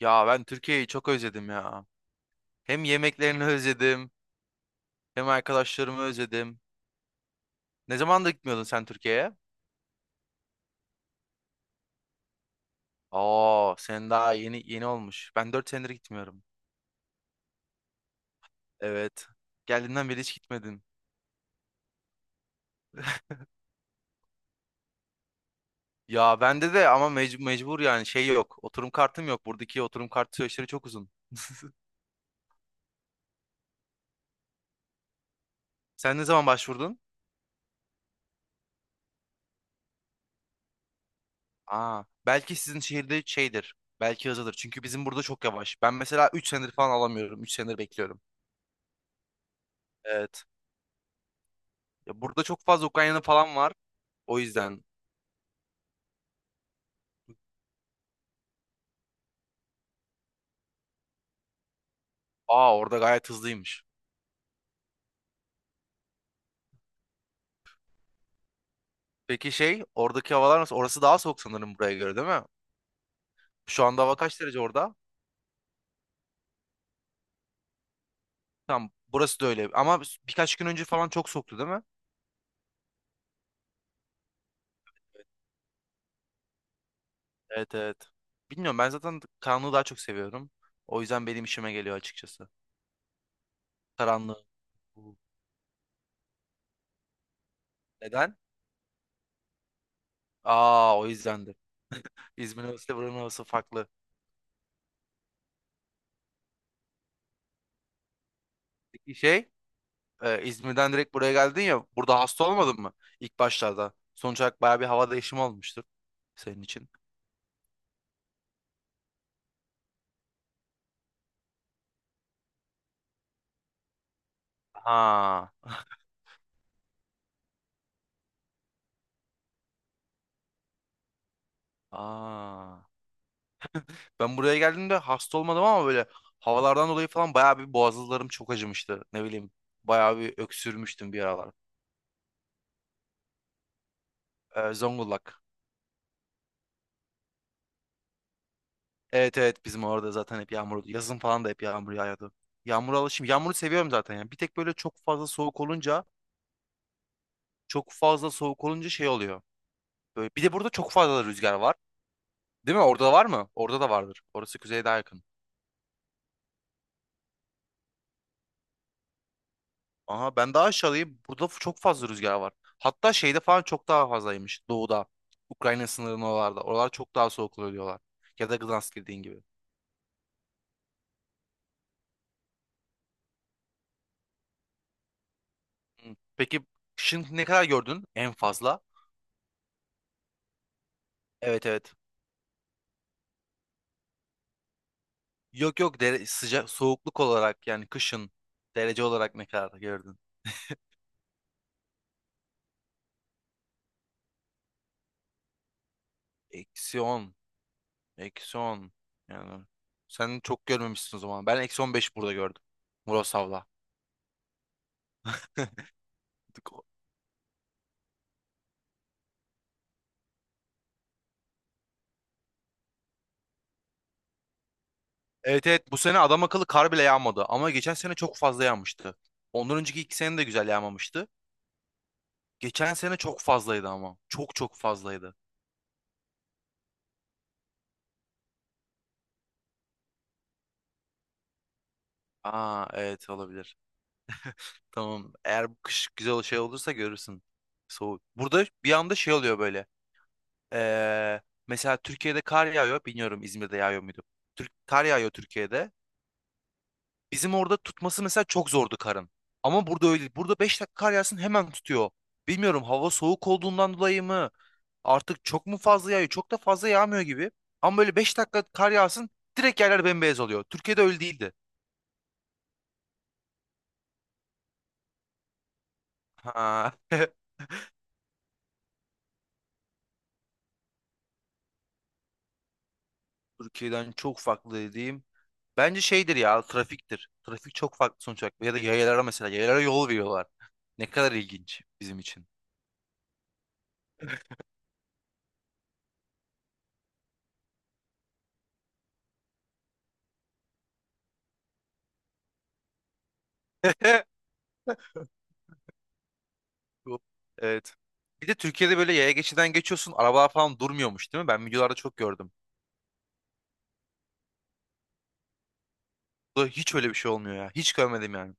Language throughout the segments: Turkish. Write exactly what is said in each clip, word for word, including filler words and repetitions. Ya ben Türkiye'yi çok özledim ya. Hem yemeklerini özledim, hem arkadaşlarımı özledim. Ne zaman da gitmiyordun sen Türkiye'ye? Aa, sen daha yeni yeni olmuş. Ben dört senedir gitmiyorum. Evet. Geldiğinden beri hiç gitmedim. Ya bende de ama mec- mecbur yani şey yok. Oturum kartım yok. Buradaki oturum kartı süreçleri çok uzun. Sen ne zaman başvurdun? Aa, belki sizin şehirde şeydir. Belki hızlıdır. Çünkü bizim burada çok yavaş. Ben mesela üç senedir falan alamıyorum. Üç senedir bekliyorum. Evet. Ya burada çok fazla Ukraynalı falan var. O yüzden aa orada gayet hızlıymış. Peki şey oradaki havalar nasıl? Orası daha soğuk sanırım buraya göre değil mi? Şu anda hava kaç derece orada? Tamam burası da öyle. Ama biz- birkaç gün önce falan çok soğuktu değil mi? Evet evet. Bilmiyorum ben zaten karanlığı daha çok seviyorum. O yüzden benim işime geliyor açıkçası. Karanlığı. Neden? Aa o yüzdendir. İzmir'in havası ile buranın havası farklı. Peki şey e, İzmir'den direkt buraya geldin ya burada hasta olmadın mı? İlk başlarda. Sonuç olarak baya bir hava değişimi olmuştur senin için. Ha. Aa. Ben buraya geldiğimde hasta olmadım ama böyle havalardan dolayı falan bayağı bir boğazlarım çok acımıştı. Ne bileyim bayağı bir öksürmüştüm bir aralar. Ee, Zonguldak. Evet evet bizim orada zaten hep yağmur. Yazın falan da hep yağmur yağıyordu. Yağmura alışım. Yağmuru seviyorum zaten ya. Bir tek böyle çok fazla soğuk olunca çok fazla soğuk olunca şey oluyor. Böyle, bir de burada çok fazla rüzgar var. Değil mi? Orada var mı? Orada da vardır. Orası kuzeye daha yakın. Aha ben daha aşağıdayım. Burada çok fazla rüzgar var. Hatta şeyde falan çok daha fazlaymış. Doğuda. Ukrayna sınırının oralarda. Oralar çok daha soğuk oluyor diyorlar. Ya da Gdansk dediğin gibi. Hı. Peki kışın ne kadar gördün en fazla? Evet evet. Yok yok dere sıcak soğukluk olarak yani kışın derece olarak ne kadar gördün? Eksi on, eksi on. Yani sen çok görmemişsin o zaman. Ben eksi on beş burada gördüm. Murasav'la. Evet evet bu sene adam akıllı kar bile yağmadı ama geçen sene çok fazla yağmıştı. Ondan önceki iki sene de güzel yağmamıştı. Geçen sene çok fazlaydı ama. Çok çok fazlaydı. Aa evet olabilir. Tamam eğer bu kış güzel şey olursa görürsün. Soğuk. Burada bir anda şey oluyor böyle. Ee, mesela Türkiye'de kar yağıyor. Bilmiyorum İzmir'de yağıyor muydu? Türk, kar yağıyor Türkiye'de. Bizim orada tutması mesela çok zordu karın. Ama burada öyle değil. Burada beş dakika kar yağsın hemen tutuyor. Bilmiyorum hava soğuk olduğundan dolayı mı? Artık çok mu fazla yağıyor? Çok da fazla yağmıyor gibi. Ama böyle beş dakika kar yağsın direkt yerler bembeyaz oluyor. Türkiye'de öyle değildi. Ha. Türkiye'den çok farklı dediğim bence şeydir ya trafiktir. Trafik çok farklı sonuç olarak. Ya da yayalara mesela yayalara yol veriyorlar. Ne kadar ilginç bizim için. Yok. Evet. Bir de Türkiye'de böyle yaya geçiden geçiyorsun. Arabalar falan durmuyormuş değil mi? Ben videolarda çok gördüm. Burada hiç öyle bir şey olmuyor ya. Hiç görmedim yani.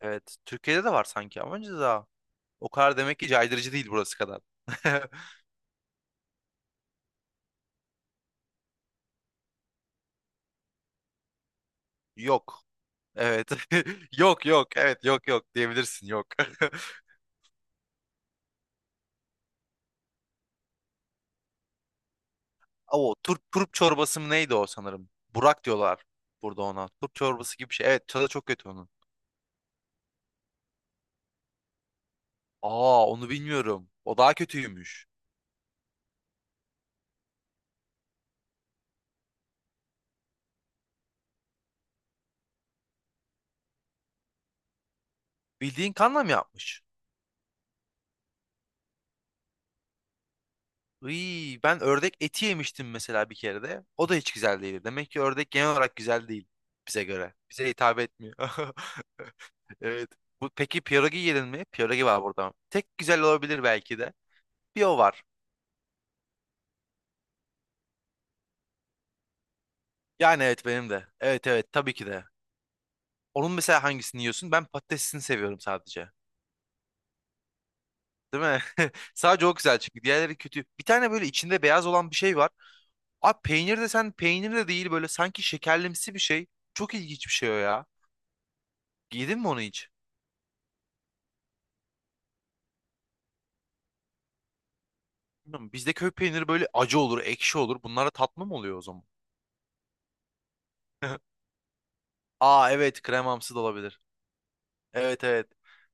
Evet. Türkiye'de de var sanki ama önce daha. O kadar demek ki caydırıcı değil burası kadar. Yok. Evet. Yok yok. Evet yok yok diyebilirsin yok. O turp, turp çorbası mı neydi o sanırım? Burak diyorlar burada ona. Turp çorbası gibi bir şey. Evet tadı çok kötü onun. Aa onu bilmiyorum. O daha kötüymüş. Bildiğin kanla mı yapmış? Iy, ben ördek eti yemiştim mesela bir kere de. O da hiç güzel değildi. Demek ki ördek genel olarak güzel değil bize göre. Bize hitap etmiyor. Evet. Bu, peki pierogi yedin mi? Pierogi var burada. Tek güzel olabilir belki de. Bir o var. Yani evet benim de. Evet evet tabii ki de. Onun mesela hangisini yiyorsun? Ben patatesini seviyorum sadece. Değil mi? Sadece o güzel çünkü diğerleri kötü. Bir tane böyle içinde beyaz olan bir şey var. Abi peynir de sen peynir de değil böyle sanki şekerlimsi bir şey. Çok ilginç bir şey o ya. Yedin mi onu hiç? Bilmiyorum, bizde köy peyniri böyle acı olur, ekşi olur. Bunlara tatlı mı oluyor o zaman? Aa evet kremamsı da olabilir. Evet evet.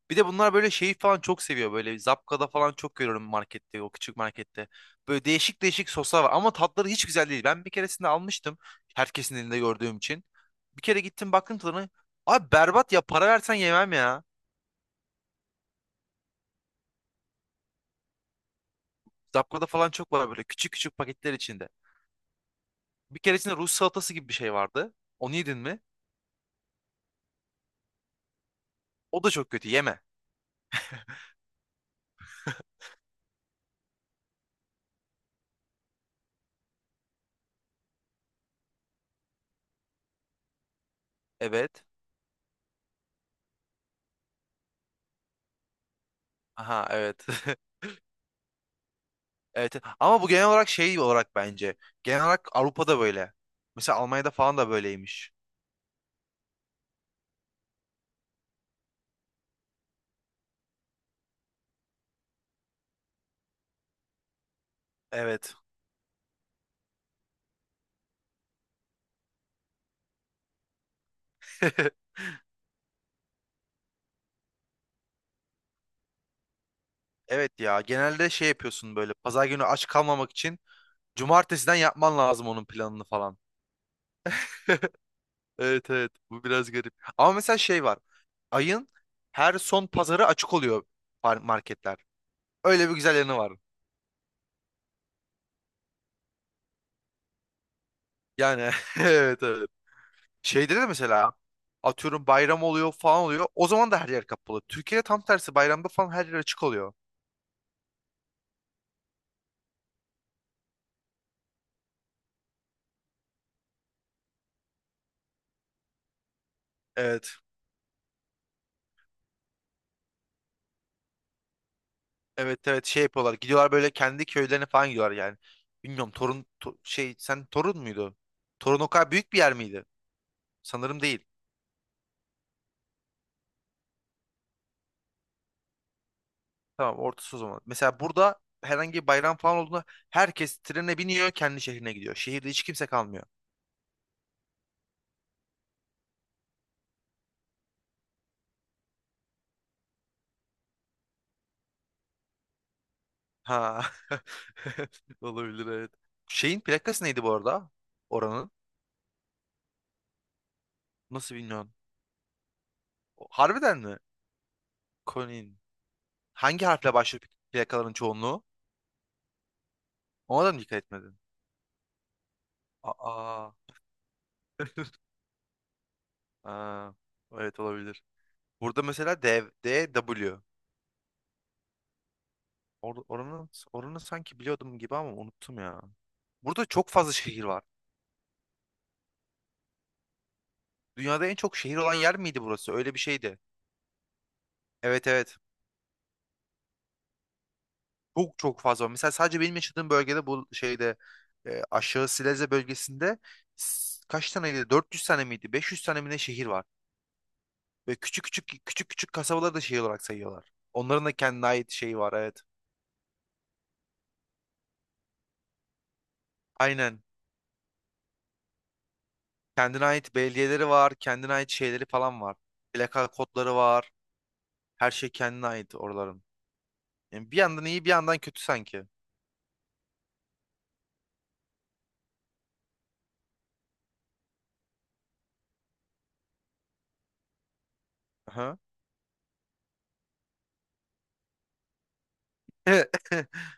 Bir de bunlar böyle şeyi falan çok seviyor. Böyle Zapkada falan çok görüyorum markette, o küçük markette. Böyle değişik değişik soslar var ama tatları hiç güzel değil. Ben bir keresinde almıştım. Herkesin elinde gördüğüm için. Bir kere gittim baktım tadına. Abi berbat ya para versen yemem ya. Zapkada falan çok var böyle küçük küçük paketler içinde. Bir keresinde Rus salatası gibi bir şey vardı. Onu yedin mi? O da çok kötü yeme. Evet. Aha evet. Evet. Ama bu genel olarak şey olarak bence. Genel olarak Avrupa'da böyle. Mesela Almanya'da falan da böyleymiş. Evet. Evet ya genelde şey yapıyorsun böyle pazar günü aç kalmamak için cumartesiden yapman lazım onun planını falan. Evet evet bu biraz garip. Ama mesela şey var. Ayın her son pazarı açık oluyor par- marketler. Öyle bir güzel yanı var. Yani evet evet. Şeyde de mesela atıyorum bayram oluyor falan oluyor. O zaman da her yer kapalı. Türkiye'de tam tersi bayramda falan her yer açık oluyor. Evet. Evet evet şey yapıyorlar. Gidiyorlar böyle kendi köylerine falan gidiyorlar yani. Bilmiyorum Torun to- şey sen Torun muydu? Torun o kadar büyük bir yer miydi? Sanırım değil. Tamam ortası o zaman. Mesela burada herhangi bir bayram falan olduğunda herkes trene biniyor kendi şehrine gidiyor. Şehirde hiç kimse kalmıyor. Ha. Olabilir evet. Şeyin plakası neydi bu arada? Oranın. Nasıl bilmiyorum. Harbiden mi? Konin. Hangi harfle başlıyor plakaların çoğunluğu? Ona da mı dikkat etmedin? Aa, aa. Evet olabilir. Burada mesela D, DW. Or, oranı, oranı sanki biliyordum gibi ama unuttum ya. Burada çok fazla şehir var. Dünyada en çok şehir olan yer miydi burası? Öyle bir şeydi. Evet evet. Çok çok fazla var. Mesela sadece benim yaşadığım bölgede bu şeyde e, aşağı Silezya bölgesinde s- kaç taneydi? dört yüz tane miydi? beş yüz tane mi ne şehir var? Ve küçük küçük küçük küçük kasabaları da şey olarak sayıyorlar. Onların da kendine ait şeyi var evet. Aynen. Kendine ait belediyeleri var, kendine ait şeyleri falan var. Plaka kodları var. Her şey kendine ait oraların. Yani bir yandan iyi bir yandan kötü sanki. Aha.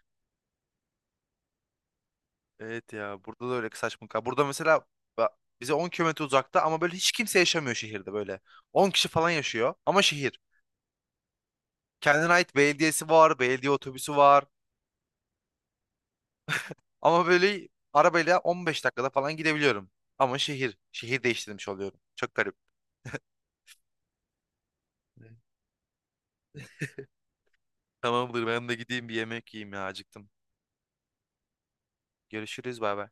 Evet ya burada da öyle saçma. ka- Burada mesela ba- bize on kilometre uzakta ama böyle hiç kimse yaşamıyor şehirde böyle. on kişi falan yaşıyor ama şehir. Kendine ait belediyesi var, belediye otobüsü var. Ama böyle arabayla on beş dakikada falan gidebiliyorum. Ama şehir, şehir değiştirmiş oluyorum. Çok garip. Tamamdır ben de gideyim bir yemek yiyeyim ya acıktım. Görüşürüz bay bay.